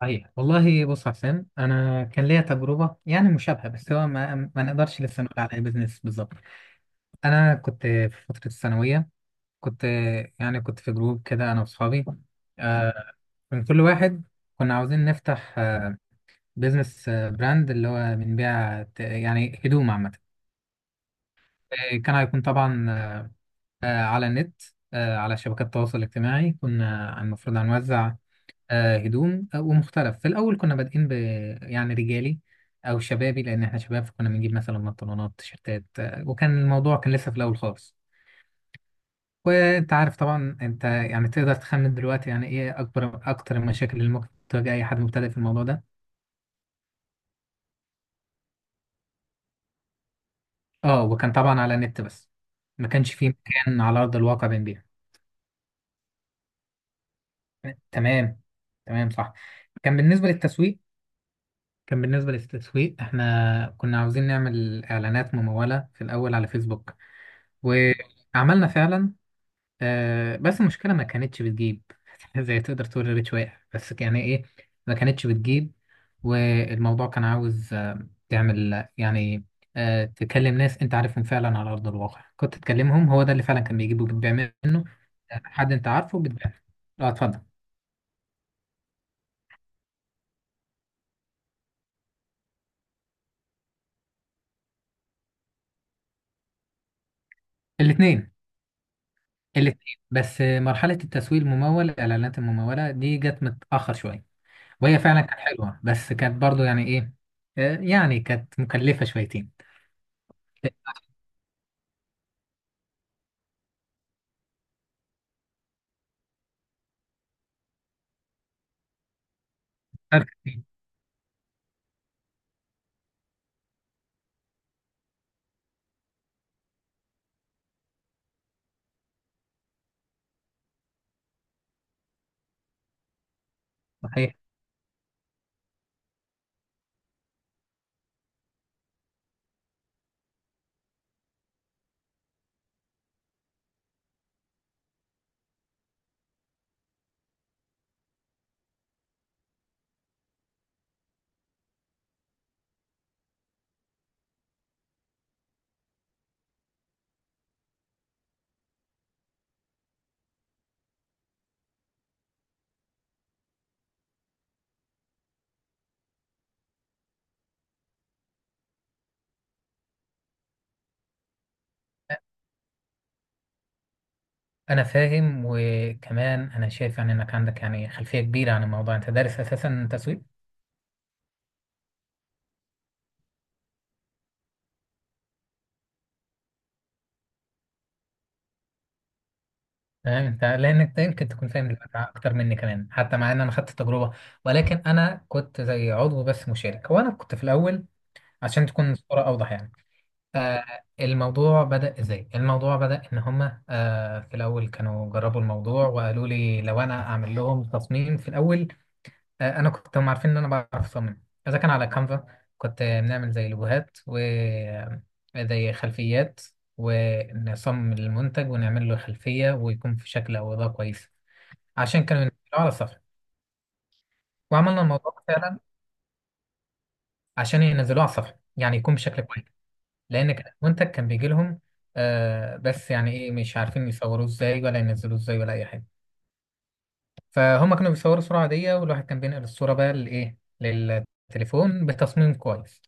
صحيح والله. بص يا حسين، انا كان ليا تجربه يعني مشابهه، بس هو ما نقدرش لسه نقول عليها بزنس بالظبط. انا كنت في فتره الثانويه. كنت كنت في جروب كده انا واصحابي. آه، من كل واحد كنا عاوزين نفتح، بيزنس، براند اللي هو بنبيع يعني هدوم عامه. كان هيكون طبعا على النت، على شبكات التواصل الاجتماعي. كنا المفروض هنوزع هدوم ومختلف. في الأول كنا بادئين يعني رجالي أو شبابي، لأن إحنا شباب، فكنا بنجيب مثلا بنطلونات تيشيرتات، وكان الموضوع كان لسه في الأول خالص. وأنت عارف طبعا، أنت يعني تقدر تخمن دلوقتي يعني إيه أكتر المشاكل اللي ممكن تواجه أي حد مبتدئ في الموضوع ده. أه، وكان طبعا على النت بس، ما كانش فيه مكان على أرض الواقع بنبيع. تمام، تمام، صح. كان بالنسبة للتسويق كان بالنسبة للتسويق إحنا كنا عاوزين نعمل إعلانات ممولة في الأول على فيسبوك. وعملنا فعلا، بس المشكلة ما كانتش بتجيب. زي تقدر تقول الريتش واقع، بس يعني ايه، ما كانتش بتجيب. والموضوع كان عاوز تعمل يعني تكلم ناس انت عارفهم فعلا على ارض الواقع، كنت تكلمهم، هو ده اللي فعلا كان بيجيب وبتبيع منه، حد انت عارفه بتبيع. اه، اتفضل. الاثنين، الاثنين، بس مرحلة التسويق الممول، الاعلانات الممولة دي جت متأخر شوية. وهي فعلا كانت حلوة، بس كانت برضو يعني ايه، يعني كانت مكلفة شويتين. فرق كتير. صحيح. انا فاهم، وكمان انا شايف يعني انك عندك يعني خلفيه كبيره عن الموضوع. انت دارس اساسا تسويق. تمام. انت لانك أنت يمكن تكون فاهم دلوقتي اكتر مني كمان، حتى مع ان انا خدت التجربه، ولكن انا كنت زي عضو بس مشارك، وانا كنت في الاول، عشان تكون الصوره اوضح يعني. آه، الموضوع بدأ ازاي؟ الموضوع بدأ ان هما في الاول كانوا جربوا الموضوع، وقالوا لي لو انا اعمل لهم تصميم في الاول. انا كنت هم عارفين ان انا بعرف اصمم اذا كان على كانفا. كنت بنعمل زي لوجوهات وزي خلفيات، ونصمم المنتج ونعمل له خلفية، ويكون في شكل او اضاءة كويس، عشان كانوا ينزلوه على الصفحة. وعملنا الموضوع فعلا عشان ينزلوه على الصفحة يعني يكون بشكل كويس. لان المنتج كان بيجي لهم، آه، بس يعني ايه، مش عارفين يصوروه ازاي ولا ينزلوه ازاي ولا اي حاجه. فهم كانوا بيصوروا صوره عاديه، والواحد كان بينقل الصوره بقى لايه للتليفون بتصميم كويس.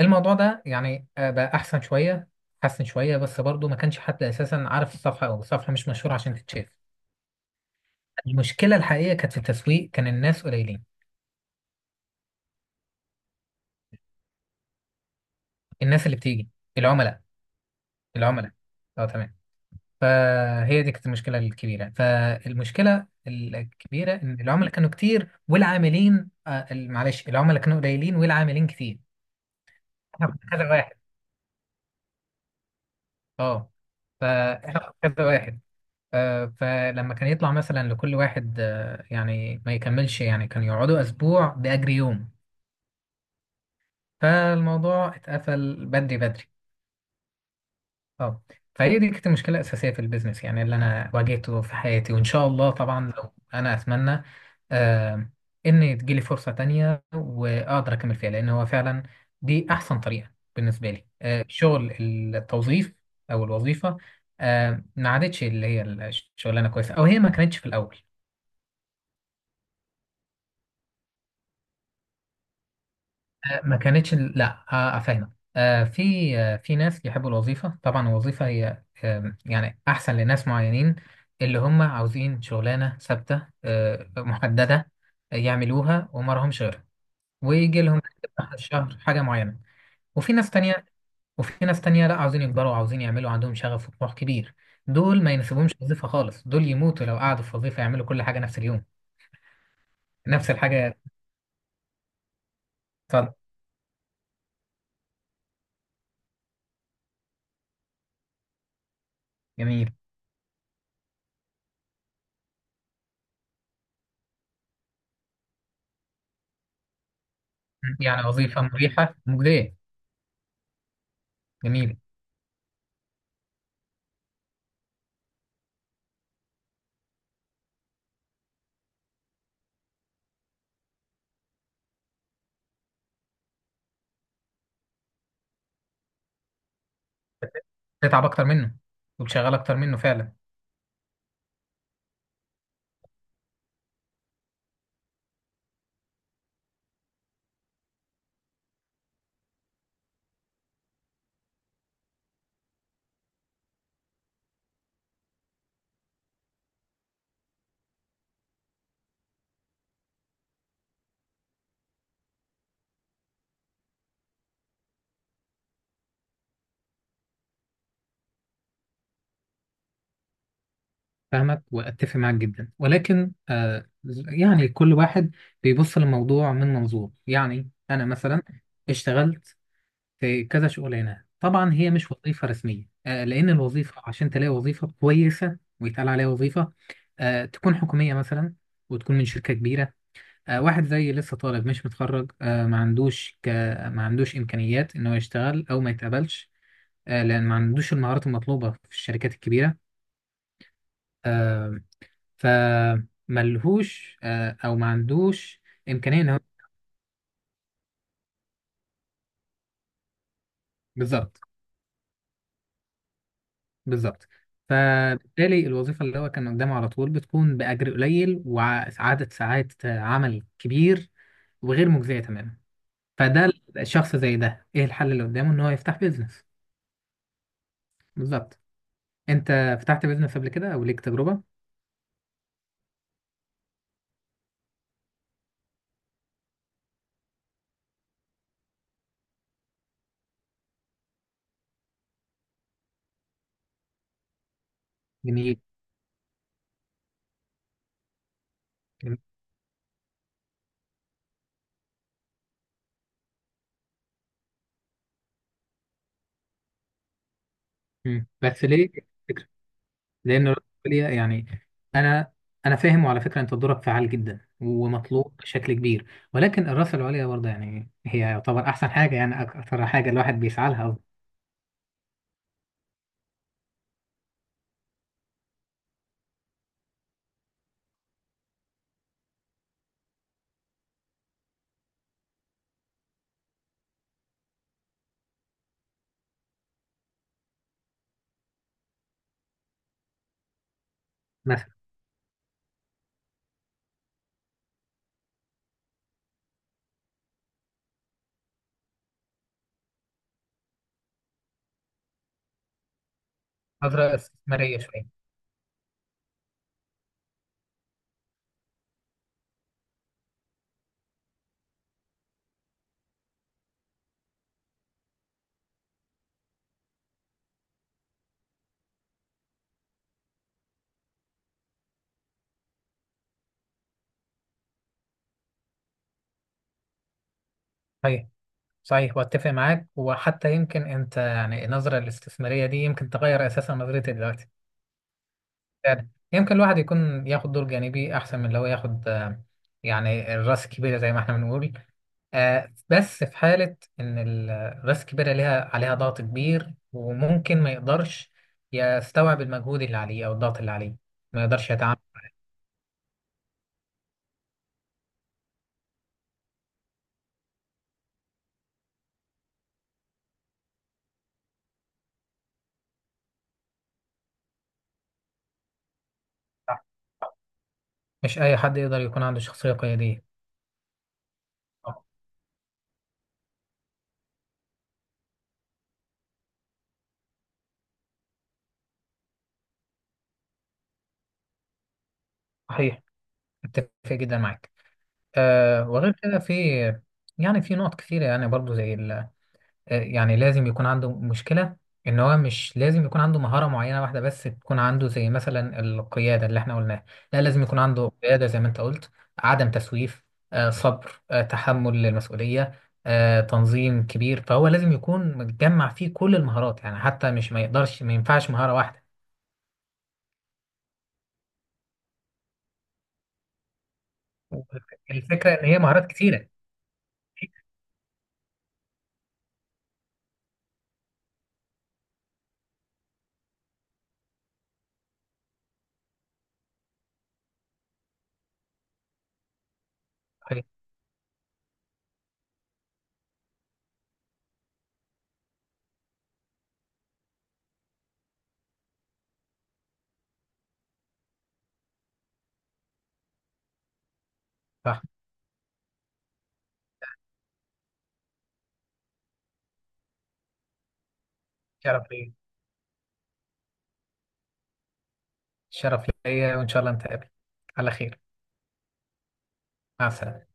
الموضوع ده يعني بقى احسن شويه، بس برضو ما كانش حد اساسا عارف الصفحه، او الصفحه مش مشهوره عشان تتشاف. المشكله الحقيقيه كانت في التسويق، كان الناس قليلين. الناس اللي بتيجي، العملاء. العملاء. اه تمام. فهي دي كانت المشكلة الكبيرة. فالمشكلة الكبيرة إن العملاء كانوا كتير والعاملين معلش، العملاء كانوا قليلين والعاملين كتير. احنا كنا كذا واحد. اه، فاحنا كنا كذا واحد. فلما كان يطلع مثلا لكل واحد، يعني ما يكملش، يعني كانوا يقعدوا أسبوع بأجر يوم. فالموضوع اتقفل بدري بدري. اه، فهي دي كانت المشكله الاساسيه في البيزنس يعني، اللي انا واجهته في حياتي. وان شاء الله طبعا لو انا اتمنى آه ان تجيلي فرصه تانية واقدر اكمل فيها، لان هو فعلا دي احسن طريقه بالنسبه لي. شغل التوظيف او الوظيفه ما عادتش اللي هي الشغلانه كويسه، او هي ما كانتش في الاول. ما كانتش، لا. افهمك. آه، في في ناس يحبوا الوظيفه. طبعا الوظيفه هي، يعني احسن لناس معينين، اللي هم عاوزين شغلانه ثابته محدده يعملوها وما لهمش غيرها، ويجي لهم آخر الشهر حاجه معينه. وفي ناس تانية، لا عاوزين يكبروا، عاوزين يعملوا، عندهم شغف وطموح كبير. دول ما يناسبهمش وظيفه خالص، دول يموتوا لو قعدوا في وظيفه يعملوا كل حاجه نفس اليوم. نفس الحاجه. اتفضل. جميل. يعني وظيفه مريحه مجديه. جميل. تتعب اكتر منه وتشغل اكتر منه فعلا. فاهمك واتفق معاك جدا، ولكن يعني كل واحد بيبص للموضوع من منظور. يعني انا مثلا اشتغلت في كذا شغلانه، طبعا هي مش وظيفه رسميه. آه، لان الوظيفه عشان تلاقي وظيفه كويسه ويتقال عليها وظيفه تكون حكوميه مثلا، وتكون من شركه كبيره. آه، واحد زي لسه طالب مش متخرج، آه ما عندوش امكانيات انه يشتغل او ما يتقبلش، آه، لان ما عندوش المهارات المطلوبه في الشركات الكبيره. آه، فملهوش او ما عندوش امكانيه ان هو. بالظبط. بالظبط. فبالتالي الوظيفه اللي هو كان قدامه على طول بتكون باجر قليل وعدد ساعات عمل كبير، وغير مجزيه تماما. فده الشخص زي ده ايه الحل اللي قدامه؟ ان هو يفتح بيزنس. بالظبط. انت فتحت بيزنس قبل كده او ليك تجربه؟ جميل. جميل. مم. بس ليه؟ لان الرأسمالية يعني، انا انا فاهم. وعلى فكره انت دورك فعال جدا ومطلوب بشكل كبير، ولكن الرأس العليا برضه يعني هي يعتبر احسن حاجه، يعني اكثر حاجه الواحد بيسعى لها. مثلا. نظرة استثمارية شوية. صحيح. صحيح واتفق معاك، وحتى يمكن انت يعني النظرة الاستثمارية دي يمكن تغير اساسا نظرتي دلوقتي. فعلا يمكن الواحد يكون ياخد دور جانبي احسن من اللي هو ياخد، يعني الراس الكبيرة زي ما احنا بنقول. بس في حالة إن الراس الكبيرة ليها عليها ضغط كبير، وممكن ما يقدرش يستوعب المجهود اللي عليه أو الضغط اللي عليه، ما يقدرش يتعامل. صح. مش أي حد يقدر يكون عنده شخصية قيادية. آه، صحيح. أتفق جدا معاك. أه، وغير كده في نقط كثيرة، يعني برضو زي ال آه، يعني لازم يكون عنده مشكلة، ان هو مش لازم يكون عنده مهارة معينة واحدة بس، تكون عنده زي مثلا القيادة اللي احنا قلناها. لا، لازم يكون عنده قيادة زي ما انت قلت، عدم تسويف، صبر، تحمل للمسؤولية، تنظيم كبير. فهو لازم يكون متجمع فيه كل المهارات، يعني حتى مش، ما يقدرش، ما ينفعش مهارة واحدة. الفكرة ان هي مهارات كتيرة. صحيح. صح. شرف ليا. شرف ليا، وان شاء الله نتقابل على خير. مع السلامة.